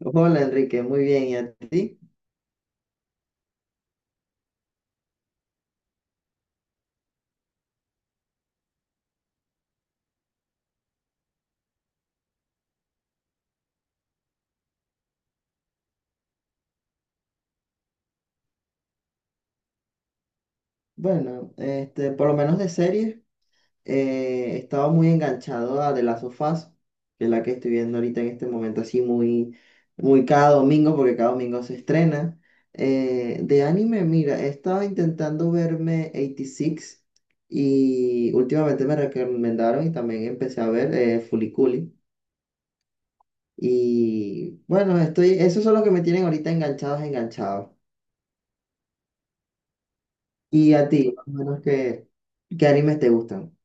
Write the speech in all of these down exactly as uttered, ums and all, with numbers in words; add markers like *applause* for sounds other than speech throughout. Hola Enrique, muy bien. ¿Y a ti? Bueno, este, por lo menos de series, eh, estaba muy enganchado a The Last of Us, que es la que estoy viendo ahorita en este momento, así muy, muy cada domingo, porque cada domingo se estrena. Eh, de anime, mira, estaba intentando verme ochenta y seis y seis y últimamente me recomendaron y también empecé a ver eh, Fuliculi. Y bueno, estoy, esos son los que me tienen ahorita enganchados, enganchados. Y a ti, más o menos, ¿qué, qué animes te gustan?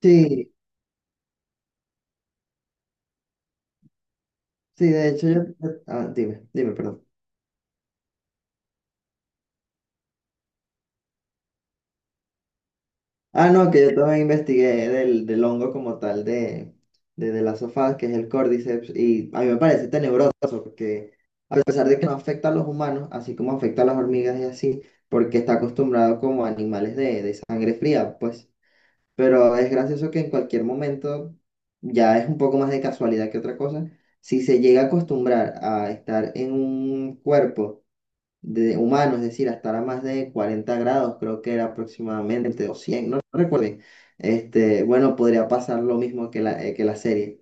Sí, sí, de hecho yo... yo- Ah, dime, dime, perdón. Ah, no, que yo también investigué del, del hongo como tal de, de, de las sofás, que es el Cordyceps, y a mí me parece tenebroso, porque a pesar de que no afecta a los humanos, así como afecta a las hormigas y así, porque está acostumbrado como a animales de, de sangre fría, pues... Pero es gracioso que en cualquier momento, ya es un poco más de casualidad que otra cosa, si se llega a acostumbrar a estar en un cuerpo de humano, es decir, a estar a más de cuarenta grados, creo que era aproximadamente, o cien, no, no recuerdo, este, bueno, podría pasar lo mismo que la, eh, que la serie.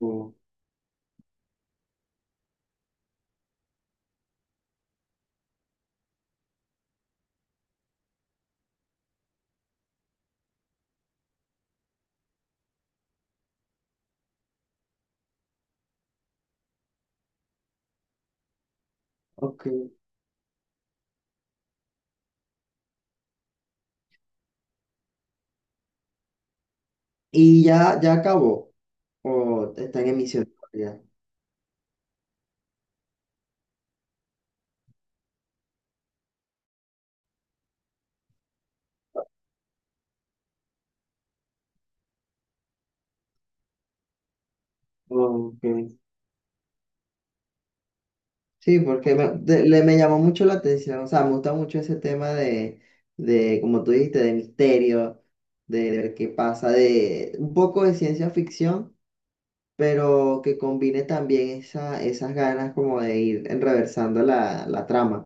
Oh, ok. ¿Y ya, ya acabó, o está en emisión todavía? Ok. Sí, porque me, de- le, me llamó mucho la atención, o sea, me gusta mucho ese tema de, de como tú dijiste, de misterio, de ver qué pasa, de un poco de ciencia ficción, pero que combine también esa, esas ganas como de ir enreversando la, la trama.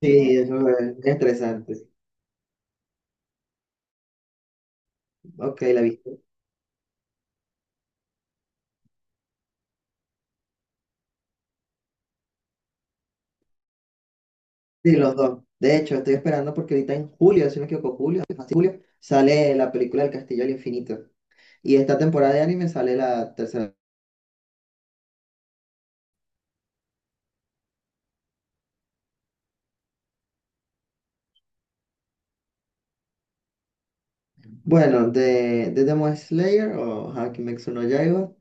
Sí, eso es interesante. Ok, la viste. Sí, los dos. De hecho, estoy esperando porque ahorita en julio, si no me equivoco, julio, julio, sale la película El Castillo al Infinito. Y esta temporada de anime sale la tercera. Bueno, de, de Demon Slayer o ja, Kimetsu no Yaiba,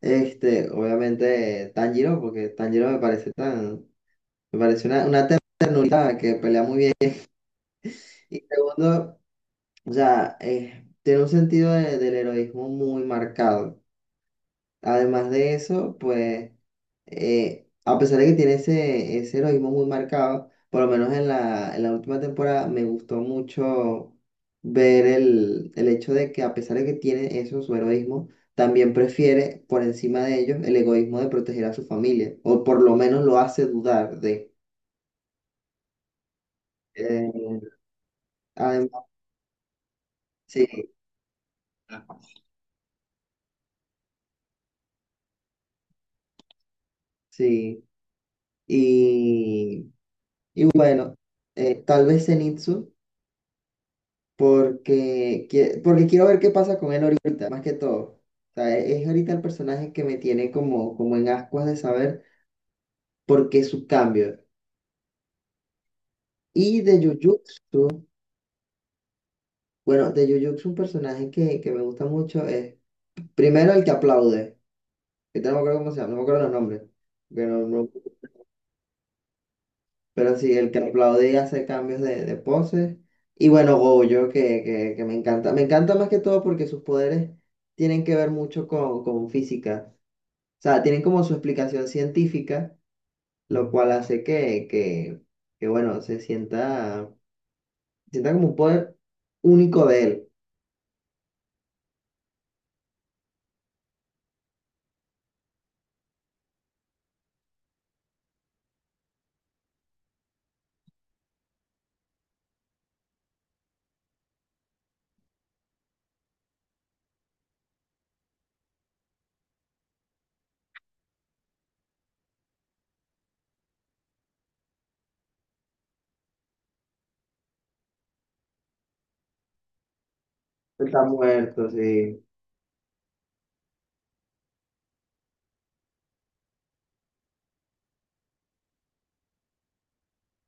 este, obviamente eh, Tanjiro, porque Tanjiro me parece tan, me parece una, una ternura que pelea muy bien. Y segundo, o sea, eh, tiene un sentido de- del heroísmo muy marcado. Además de eso, pues, eh, a pesar de que tiene ese, ese heroísmo muy marcado, por lo menos en la, en la última temporada me gustó mucho ver el, el hecho de que a pesar de que tiene eso, su heroísmo, también prefiere por encima de ellos el egoísmo de proteger a su familia, o por lo menos lo hace dudar de... Eh, Además, sí, sí. Y, y bueno, eh, tal vez Zenitsu. porque, quie- porque quiero ver qué pasa con él ahorita, más que todo. O sea, e- es ahorita el personaje que me tiene como, como en ascuas de saber por qué su cambio. Y de Jujutsu, bueno, de Jujutsu un personaje que, que me gusta mucho es primero el que aplaude, que no me acuerdo cómo se llama, no me acuerdo los nombres, pero, no- no, pero sí, el que aplaude y hace cambios de, de poses. Y bueno, Gojo, que, que, que me encanta. Me encanta más que todo porque sus poderes tienen que ver mucho con, con física. O sea, tienen como su explicación científica, lo cual hace que, que, que, bueno, se sienta, sienta como un poder único de él. Está muerto, sí.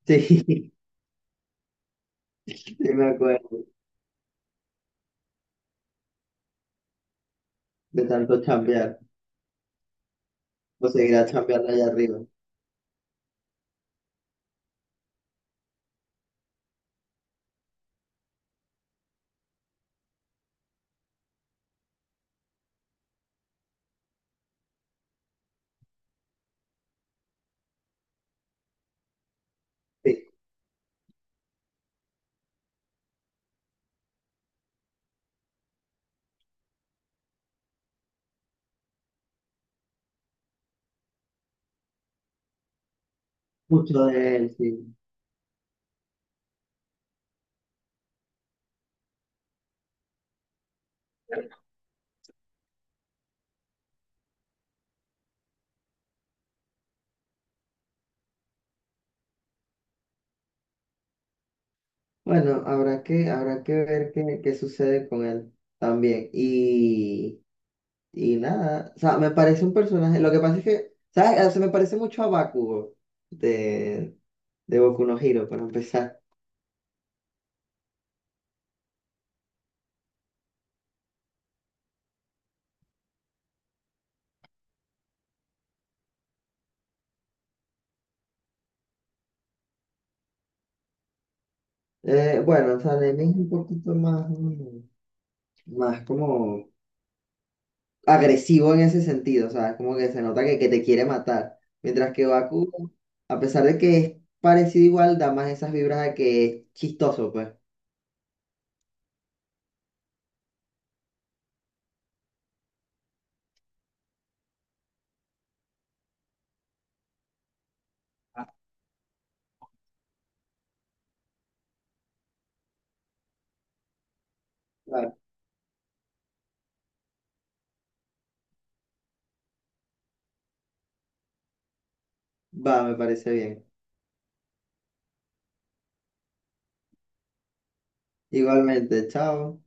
Sí, *laughs* sí me acuerdo de tanto chambear, o seguirá chambeando allá arriba. Sí, mucho de él, sí. Bueno, habrá que, habrá que ver qué, qué sucede con él también. Y, y nada, o sea, me parece un personaje, lo que pasa es que, ¿sabes? O sea, me parece mucho a Bakugo de, de Boku no Hero, para empezar. Eh, bueno, o sea, el anime es un poquito más, mm, más como agresivo en ese sentido, o sea, es como que se nota que, que te quiere matar. Mientras que Baku, a pesar de que es parecido igual, da más esas vibras de que es chistoso, pues. Claro. Va, me parece bien. Igualmente, chao.